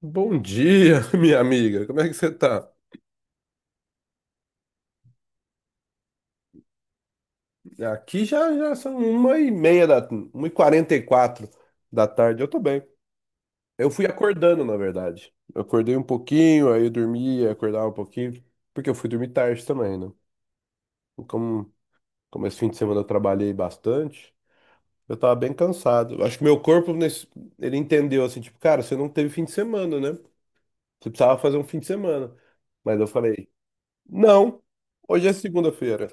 Bom dia, minha amiga. Como é que você tá? Aqui já, já são 1h44 da tarde. Eu tô bem. Eu fui acordando, na verdade. Eu acordei um pouquinho, aí eu dormi, aí acordava um pouquinho, porque eu fui dormir tarde também, né? Como, como esse fim de semana eu trabalhei bastante, eu tava bem cansado. Eu acho que meu corpo, nesse, ele entendeu assim, tipo, cara, você não teve fim de semana, né? Você precisava fazer um fim de semana. Mas eu falei, não, hoje é segunda-feira.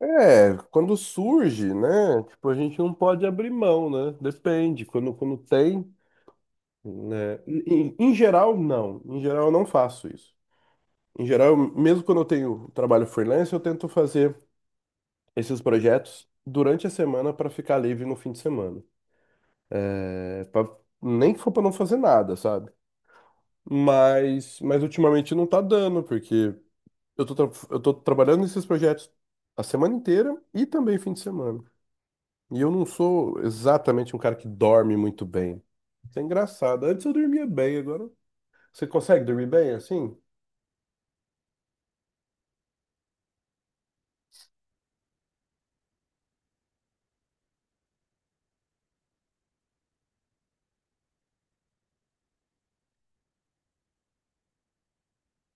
É, quando surge, né? Tipo, a gente não pode abrir mão, né? Depende. Quando tem, né? Em geral, não. Em geral, eu não faço isso. Em geral, mesmo quando eu tenho trabalho freelance, eu tento fazer esses projetos durante a semana para ficar livre no fim de semana. É, pra- Nem que for para não fazer nada, sabe? Mas ultimamente não tá dando, porque eu tô trabalhando nesses projetos a semana inteira e também fim de semana. E eu não sou exatamente um cara que dorme muito bem. Isso é engraçado. Antes eu dormia bem, agora. Você consegue dormir bem assim?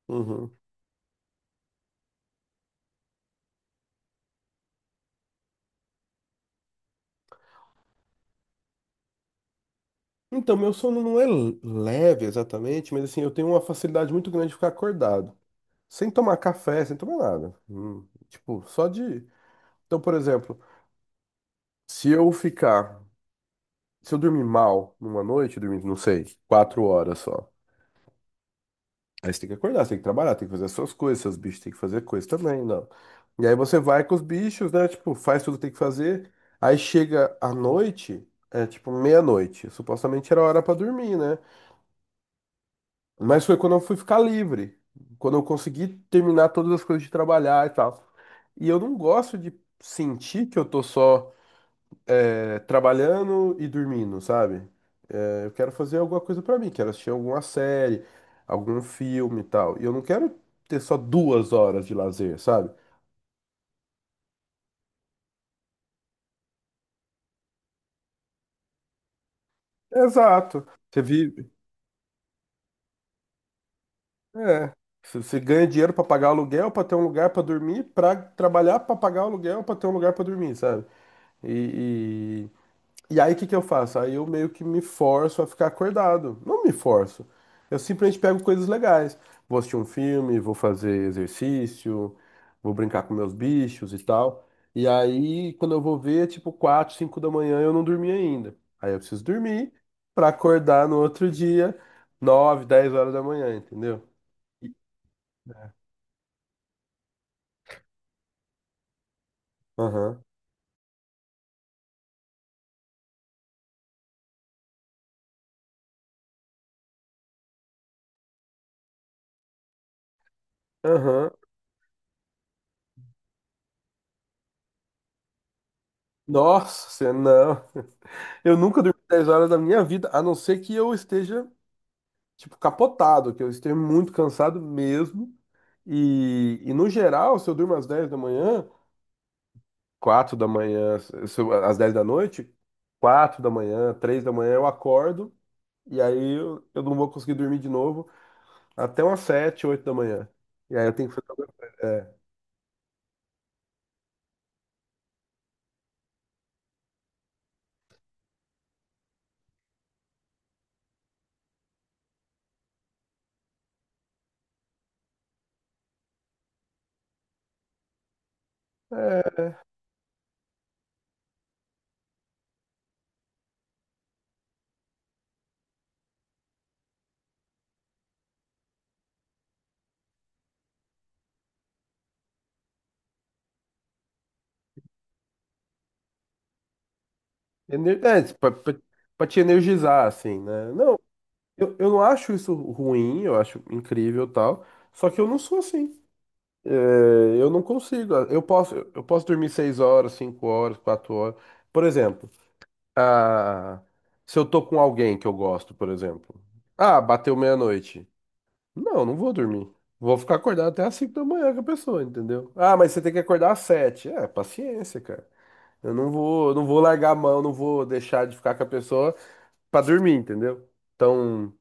Uhum. Então, meu sono não é leve exatamente, mas assim, eu tenho uma facilidade muito grande de ficar acordado. Sem tomar café, sem tomar nada. Tipo, só de. Então, por exemplo, se eu ficar. Se eu dormir mal numa noite, eu dormir, não sei, 4 horas só. Aí você tem que acordar, você tem que trabalhar, tem que fazer as suas coisas, seus bichos têm que fazer coisa também, não. E aí você vai com os bichos, né? Tipo, faz tudo que tem que fazer. Aí chega à noite, é tipo meia-noite. Supostamente era hora pra dormir, né? Mas foi quando eu fui ficar livre. Quando eu consegui terminar todas as coisas de trabalhar e tal. E eu não gosto de sentir que eu tô só trabalhando e dormindo, sabe? É, eu quero fazer alguma coisa pra mim, quero assistir alguma série, algum filme e tal. E eu não quero ter só 2 horas de lazer, sabe? Exato. Você vive. É. Você ganha dinheiro pra pagar aluguel, pra ter um lugar pra dormir, pra trabalhar, pra pagar aluguel, pra ter um lugar pra dormir, sabe? E, E aí, o que que eu faço? Aí eu meio que me forço a ficar acordado. Não me forço. Eu simplesmente pego coisas legais. Vou assistir um filme, vou fazer exercício, vou brincar com meus bichos e tal. E aí, quando eu vou ver, é tipo 4 5 da manhã, eu não dormi ainda. Aí eu preciso dormir pra acordar no outro dia, 9 10 horas da manhã, entendeu? E- Aham. Aham. Nossa, não. Eu nunca dormi 10 horas da minha vida, a não ser que eu esteja tipo, capotado, que eu esteja muito cansado mesmo. E no geral, se eu durmo às 10 da manhã, 4 da manhã, se eu- às 10 da noite, 4 da manhã, 3 da manhã eu acordo e aí eu não vou conseguir dormir de novo até umas 7 8 da manhã. E aí eu tenho que fazer alguma coisa. É, ener- é pra, pra- Pra te energizar, assim, né? Não, eu não acho isso ruim, eu acho incrível e tal, só que eu não sou assim. É, eu não consigo. Eu posso dormir seis horas, cinco horas, quatro horas. Por exemplo, ah, se eu tô com alguém que eu gosto, por exemplo. Ah, bateu meia-noite. Não, não vou dormir. Vou ficar acordado até às cinco da manhã com a pessoa, entendeu? Ah, mas você tem que acordar às sete. É, paciência, cara. Eu não vou largar a mão, não vou deixar de ficar com a pessoa pra dormir, entendeu? Então,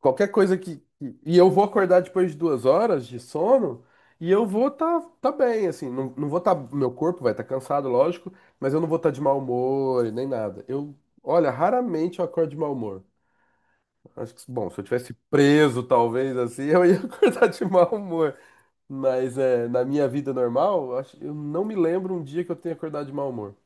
qualquer coisa E eu vou acordar depois de 2 horas de sono e eu vou tá bem, assim. Não, não vou tá. Meu corpo vai estar tá cansado, lógico, mas eu não vou estar tá de mau humor e nem nada. Eu, olha, raramente eu acordo de mau humor. Acho que, bom, se eu tivesse preso, talvez, assim, eu ia acordar de mau humor. Mas é, na minha vida normal, eu acho, eu não me lembro um dia que eu tenha acordado de mau humor.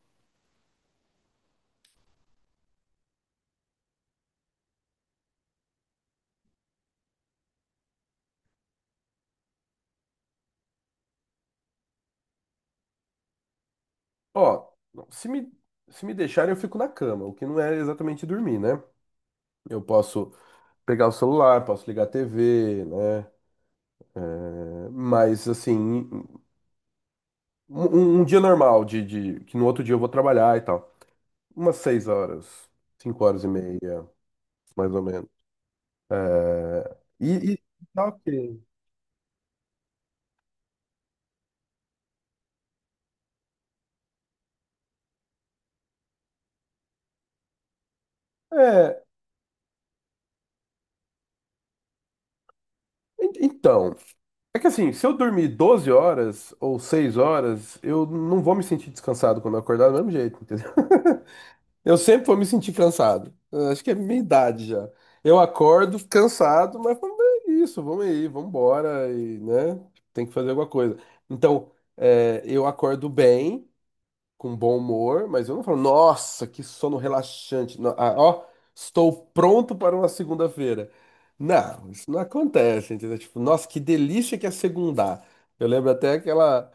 Ó, se me, se me deixarem, eu fico na cama, o que não é exatamente dormir, né? Eu posso pegar o celular, posso ligar a TV, né? É, mas assim, um dia normal que no outro dia eu vou trabalhar e tal. Umas 6 horas, 5 horas e meia, mais ou menos. E tá ok. É, então, é que assim, se eu dormir 12 horas ou 6 horas, eu não vou me sentir descansado quando eu acordar do mesmo jeito, entendeu? Eu sempre vou me sentir cansado. Eu acho que é minha idade já. Eu acordo cansado, mas vamos ver isso, vamos aí, vamos embora e, né? Tem que fazer alguma coisa. Então, é, eu acordo bem com bom humor, mas eu não falo, nossa, que sono relaxante. Não, ah, ó, estou pronto para uma segunda-feira. Não, isso não acontece, entendeu? Tipo, nossa, que delícia que é segundar. Eu lembro até aquela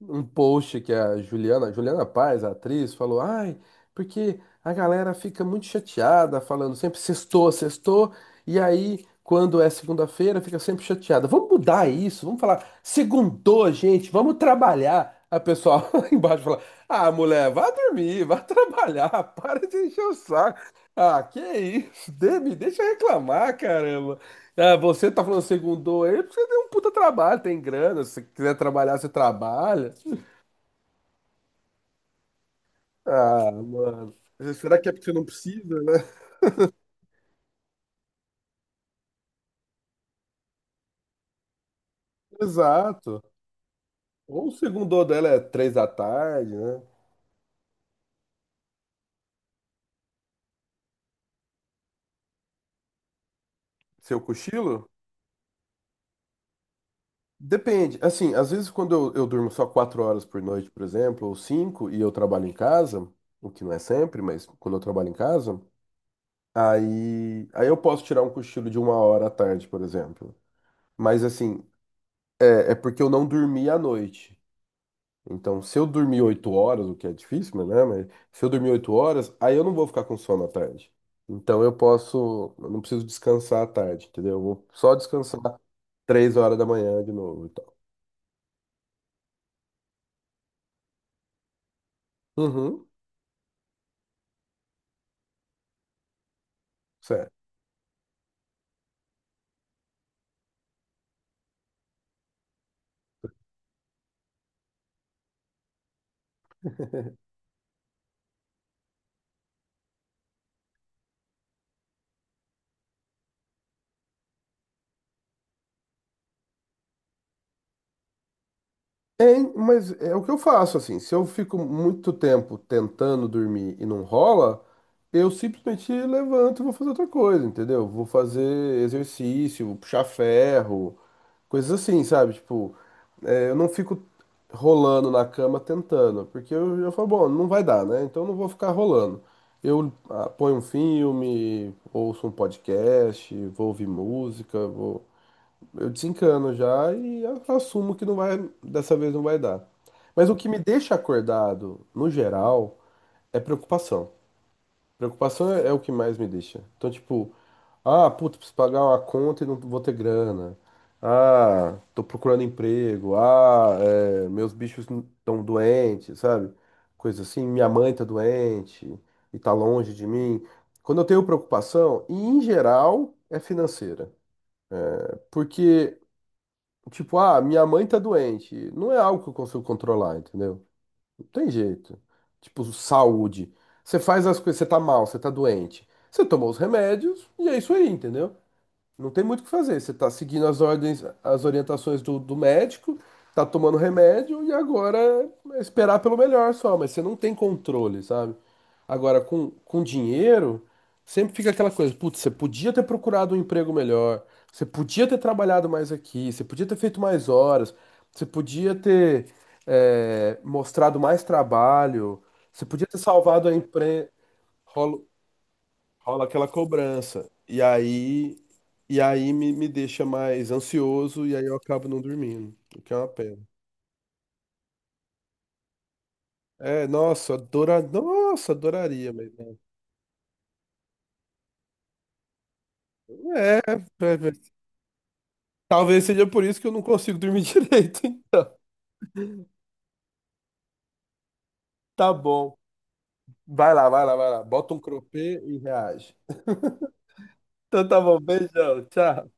um post que a Juliana Paz, a atriz, falou: "Ai, porque a galera fica muito chateada falando sempre sextou, sextou, e aí quando é segunda-feira fica sempre chateada. Vamos mudar isso, vamos falar segundou, gente, vamos trabalhar." A pessoa lá embaixo fala: ah, mulher, vá dormir, vá trabalhar, para de encher o saco. Ah, que isso? Me deixa reclamar, caramba. Ah, você tá falando segundou aí, porque você tem um puta trabalho, tem grana. Se você quiser trabalhar, você trabalha. Ah, mano. Será que é porque você não precisa, né? Exato. Ou o segundou dela é três da tarde, né? Seu cochilo? Depende. Assim, às vezes quando eu durmo só 4 horas por noite, por exemplo, ou cinco, e eu trabalho em casa, o que não é sempre, mas quando eu trabalho em casa. Aí eu posso tirar um cochilo de uma hora à tarde, por exemplo. Mas assim, é porque eu não dormi à noite. Então, se eu dormir 8 horas, o que é difícil, né? Mas se eu dormir 8 horas, aí eu não vou ficar com sono à tarde. Então eu posso, eu não preciso descansar à tarde, entendeu? Eu vou só descansar três horas da manhã de novo e tal. Uhum, certo. É, mas é o que eu faço, assim. Se eu fico muito tempo tentando dormir e não rola, eu simplesmente levanto e vou fazer outra coisa, entendeu? Vou fazer exercício, vou puxar ferro, coisas assim, sabe? Tipo, é, eu não fico rolando na cama tentando, porque eu já falo, bom, não vai dar, né? Então eu não vou ficar rolando. Ponho um filme, ouço um podcast, vou ouvir música, vou eu desencano já e assumo que não vai, dessa vez não vai dar. Mas o que me deixa acordado, no geral, é preocupação. Preocupação é o que mais me deixa. Então, tipo, ah, puta, preciso pagar uma conta e não vou ter grana. Ah, tô procurando emprego. Ah, é, meus bichos estão doentes, sabe? Coisa assim, minha mãe tá doente e tá longe de mim. Quando eu tenho preocupação, e em geral é financeira. Porque tipo, ah, minha mãe tá doente. Não é algo que eu consigo controlar, entendeu? Não tem jeito. Tipo, saúde. Você faz as coisas, você tá mal, você tá doente. Você tomou os remédios e é isso aí, entendeu? Não tem muito o que fazer. Você está seguindo as ordens, as orientações do médico, tá tomando remédio e agora é esperar pelo melhor só, mas você não tem controle, sabe? Agora, com dinheiro, sempre fica aquela coisa, putz, você podia ter procurado um emprego melhor, você podia ter trabalhado mais aqui, você podia ter feito mais horas, você podia ter mostrado mais trabalho, você podia ter salvado a empresa. Rola aquela cobrança. E aí me deixa mais ansioso e aí eu acabo não dormindo, o que é uma pena. Nossa, adoraria, mas é, é, é, talvez seja por isso que eu não consigo dormir direito, então. Tá bom. Vai lá, vai lá, vai lá. Bota um cropê e reage. Então tá bom, beijão, tchau.